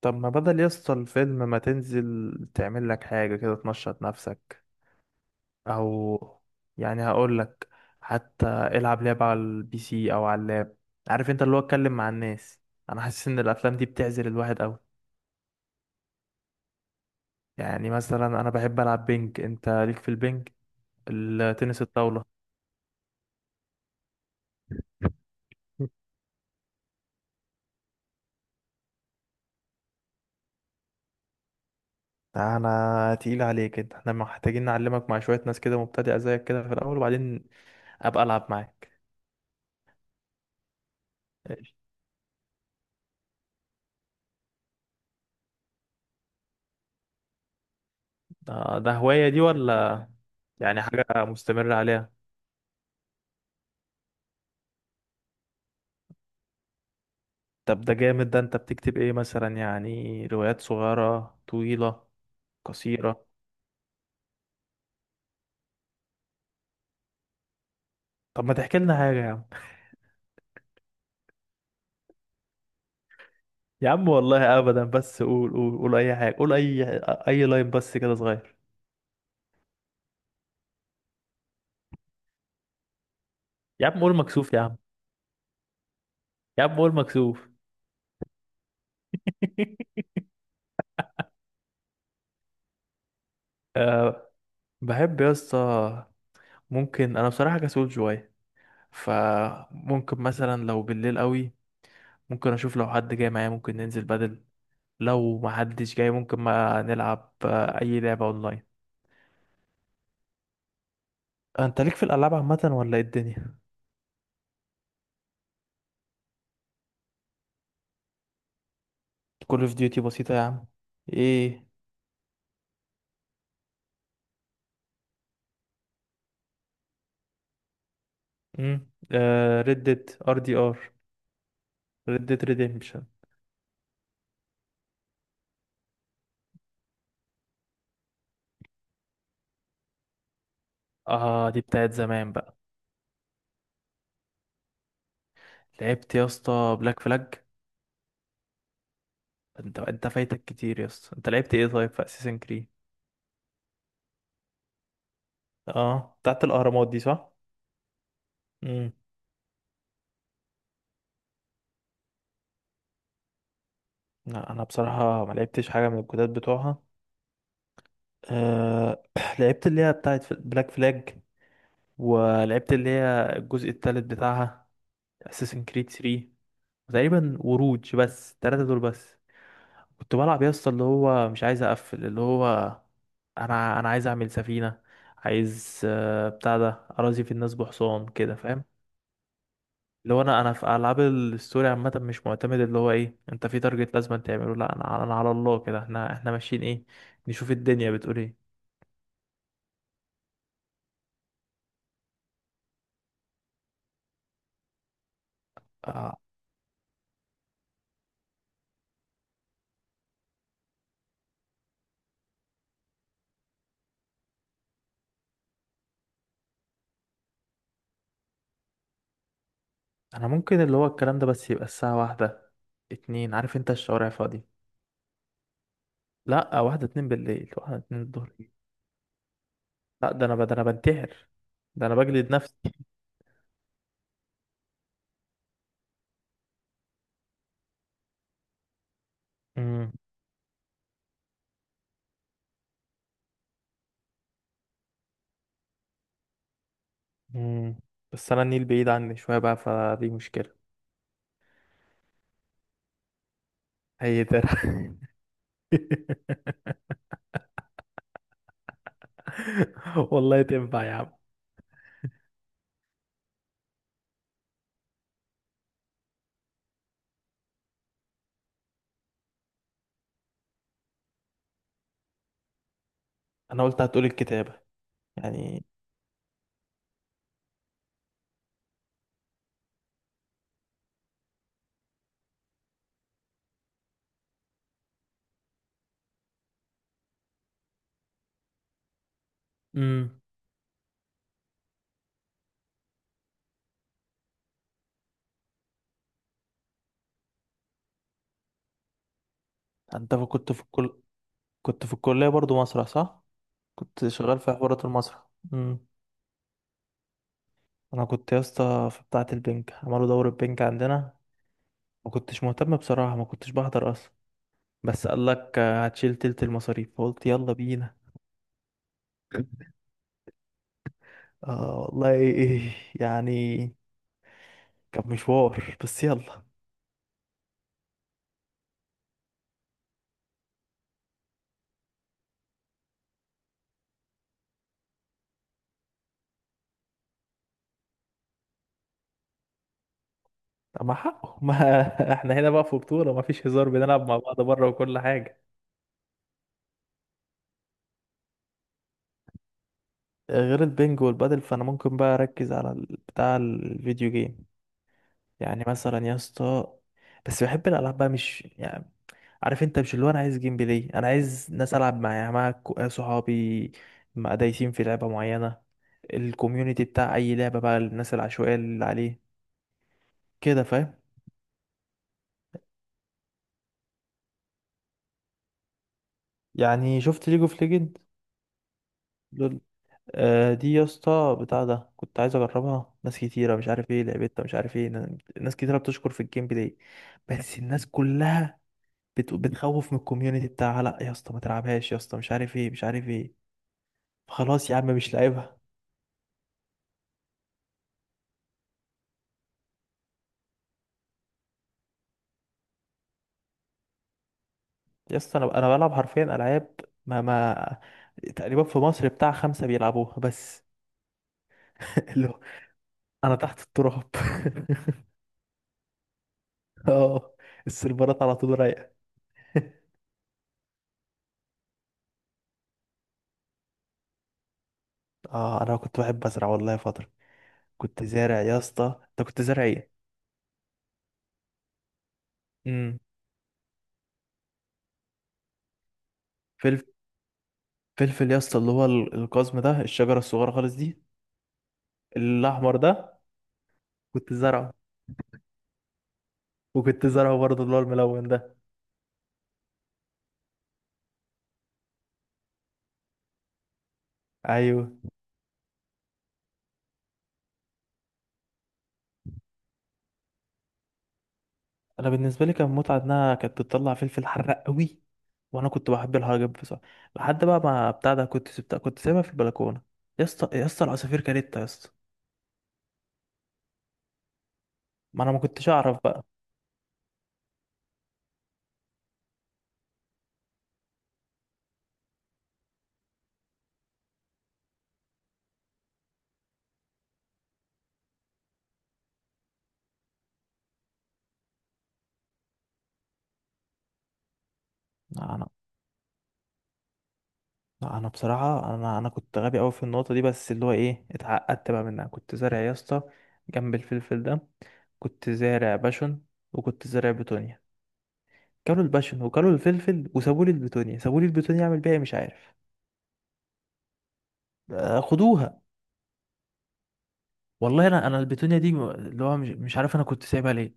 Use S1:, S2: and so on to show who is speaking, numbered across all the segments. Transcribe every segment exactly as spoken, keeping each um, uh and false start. S1: طب ما بدل يسطا الفيلم ما تنزل تعمل لك حاجة كده تنشط نفسك؟ او يعني هقول لك حتى العب لعبة على البي سي او على اللاب. عارف انت، اللي هو اتكلم مع الناس. انا حاسس ان الافلام دي بتعزل الواحد قوي. يعني مثلا انا بحب العب بينج، انت ليك في البينج؟ التنس الطاولة. انا تقيل عليك كده، احنا محتاجين نعلمك مع شوية ناس كده مبتدئة زيك كده في الاول، وبعدين ابقى العب معاك. إيش. ده ده هواية دي، ولا يعني حاجة مستمرة عليها؟ طب ده جامد، ده انت بتكتب ايه مثلا؟ يعني روايات صغيرة طويلة قصيرة؟ طب ما تحكي لنا حاجة يا عم. يا عم والله ابدا، بس قول قول قول اي حاجة، قول اي اي لاين بس كده صغير. يا عم قول، مكسوف يا عم؟ يا عم قول، مكسوف؟ أه، بحب يا اسطى. ممكن انا بصراحة كسول شوية، فممكن مثلا لو بالليل قوي ممكن اشوف لو حد جاي معايا ممكن ننزل بدل. لو ما حدش جاي ممكن ما نلعب آه، اي لعبة اونلاين. انت ليك في الالعاب عامة، ولا ايه الدنيا؟ كول اوف ديوتي بسيطة يا عم. ايه؟ امم، آه، ردت ار دي ار، ردت ريديمشن. اه دي بتاعت زمان بقى. لعبت يا اسطى بلاك فلاج؟ انت انت فايتك كتير يا اسطى. انت لعبت ايه طيب في اساسن كريد؟ اه بتاعت الاهرامات دي صح؟ امم. لا انا بصراحة ما لعبتش حاجة من الجداد بتوعها. آه لعبت اللي هي بتاعت بلاك فلاج، ولعبت اللي هي الجزء التالت بتاعها، اساسن كريد ثلاثة تقريبا، وروج، بس التلاتة دول بس. كنت بلعب يا اسطى، اللي هو مش عايز اقفل، اللي هو انا انا عايز اعمل سفينه، عايز، آه، بتاع ده، اراضي في الناس بحصان كده، فاهم؟ اللي هو انا انا في العاب الستوري عامه مش معتمد اللي هو ايه انت في تارجت لازم تعمله، لا انا انا على الله كده، احنا احنا ماشيين ايه، نشوف الدنيا بتقول ايه. آه، انا ممكن اللي هو الكلام ده، بس يبقى الساعه واحدة اتنين. عارف انت الشوارع فاضي. لا، واحدة اتنين بالليل، واحدة اتنين الظهر؟ لا ده انا ب- ده انا بنتحر، ده انا بجلد نفسي. مم. مم. بس انا النيل بعيد عني شويه بقى، فدي مشكله. هي ده. والله تنفع يا عم؟ انا قلت هتقول الكتابه. يعني. امم. انت ف- كنت في الكل، كنت في الكليه برضو مسرح، صح؟ كنت شغال في حوارات المسرح. امم. انا كنت يا اسطى في بتاعه البنك، عملوا دورة بنك عندنا. ما كنتش مهتم بصراحه، ما كنتش بحضر اصلا. بس قال لك آه، هتشيل تلت المصاريف، فقلت يلا بينا. اه والله إيه، يعني كان مشوار، بس يلا. طب ما حقه ما احنا هنا بقى في بطولة، ما فيش هزار، بنلعب مع بعض بره وكل حاجة. غير البنج والبادل، فانا ممكن بقى اركز على ال- بتاع الفيديو جيم. يعني مثلا يا اسطى، بس بحب الالعاب بقى، مش يعني عارف انت، مش اللي هو انا عايز جيم بلاي، انا عايز ناس العب معايا، مع كو- صحابي، مع دايسين في لعبة معينة. الكوميونتي بتاع اي لعبة بقى، الناس العشوائية اللي عليه كده، فاهم؟ يعني شفت ليج اوف ليجند؟ آه، دي يا اسطى بتاع ده كنت عايز اجربها، ناس كتيره مش عارف ايه لعبتها، مش عارف ايه، ن- ناس كتيره بتشكر في الجيم بلاي، بس الناس كلها بت... بتخوف من الكوميونتي بتاعها، لا يا اسطى ما تلعبهاش يا اسطى، مش عارف ايه، مش عارف ايه. خلاص يا عم مش لاعبها. يا اسطى انا انا بلعب حرفيا العاب ما ما تقريبا في مصر بتاع خمسه بيلعبوها بس. اللي هو انا تحت التراب. اه، السيرفرات على طول رايقه. اه انا كنت بحب ازرع والله فتره. كنت زارع يا اسطى، انت كنت زارع ايه؟ امم. فلفل؟ فلفل يا اسطى اللي هو ال- القزم ده، الشجره الصغيره خالص دي، الاحمر ده؟ كنت زرعه، وكنت زرعه برضه اللي هو الملون ده. ايوه. انا بالنسبه لي كان متعه، انها كانت بتطلع فلفل حراق قوي. وانا كنت بحب الحاجه دي بصراحه، لحد بقى ما بتاع ده، كنت سبتها، كنت سايبها في البلكونه. يا اسطى، يا اسطى العصافير كانت يا اسطى. ما انا ما كنتش اعرف بقى. انا انا بصراحه انا انا كنت غبي قوي في النقطه دي، بس اللي هو ايه، اتعقدت بقى منها. كنت زارع يا اسطى جنب الفلفل ده، كنت زارع باشون، وكنت زارع بتونيا. كلوا الباشون وكلوا الفلفل وسابوا لي البتونيا، سابوا لي البتونيا اعمل بيها إيه مش عارف. آه، خدوها. والله انا انا البتونيا دي م- اللي هو مش, مش عارف انا كنت سايبها ليه،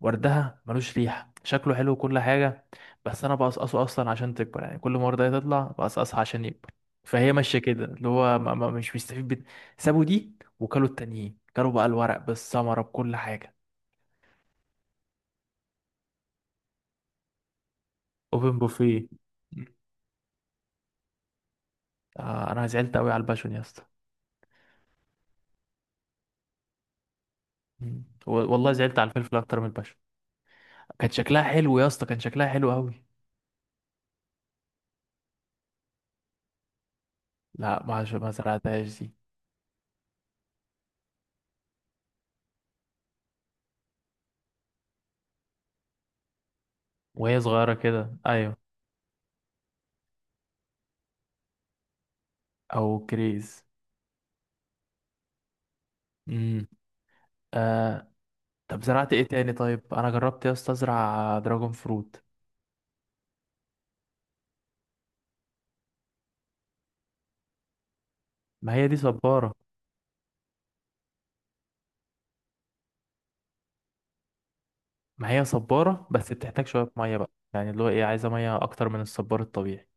S1: وردها ملوش ريحه، شكله حلو وكل حاجه، بس انا بقصقصه اصلا عشان تكبر، يعني كل ما ورده تطلع بقصقصها عشان يكبر، فهي ماشيه كده اللي هو ما ما مش بيستفيد بت- سابوا دي، وكلوا التانيين، كلوا بقى الورق بالثمره بكل حاجه. اوبن بوفيه. آه، انا زعلت قوي على الباشون يا اسطى. مم. و- والله زعلت على الفلفل اكتر من البشر. كان شكلها حلو يا اسطى، كان شكلها حلو قوي. لا ما عش- ما زرعتهاش دي. وهي صغيره كده، ايوه. او كريز. امم. آه طب زرعت ايه تاني طيب؟ انا جربت يا اسطى ازرع دراجون فروت. ما هي دي صباره. ما هي صباره، بس بتحتاج شويه ميه بقى، يعني اللي هو ايه عايزه ميه اكتر من الصبار الطبيعي،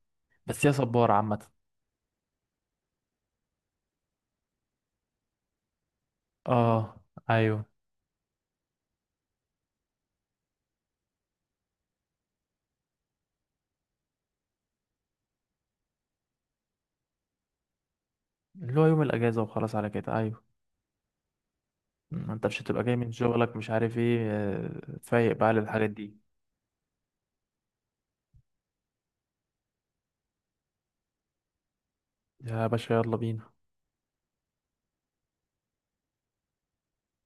S1: بس هي صباره عامه. اه. ايوه، اللي هو يوم الاجازه وخلاص على كده، ايوه. ما انت مش هتبقى جاي من شغلك مش عارف ايه، آه، فايق بقى للحاجات دي. يا باشا يلا بينا.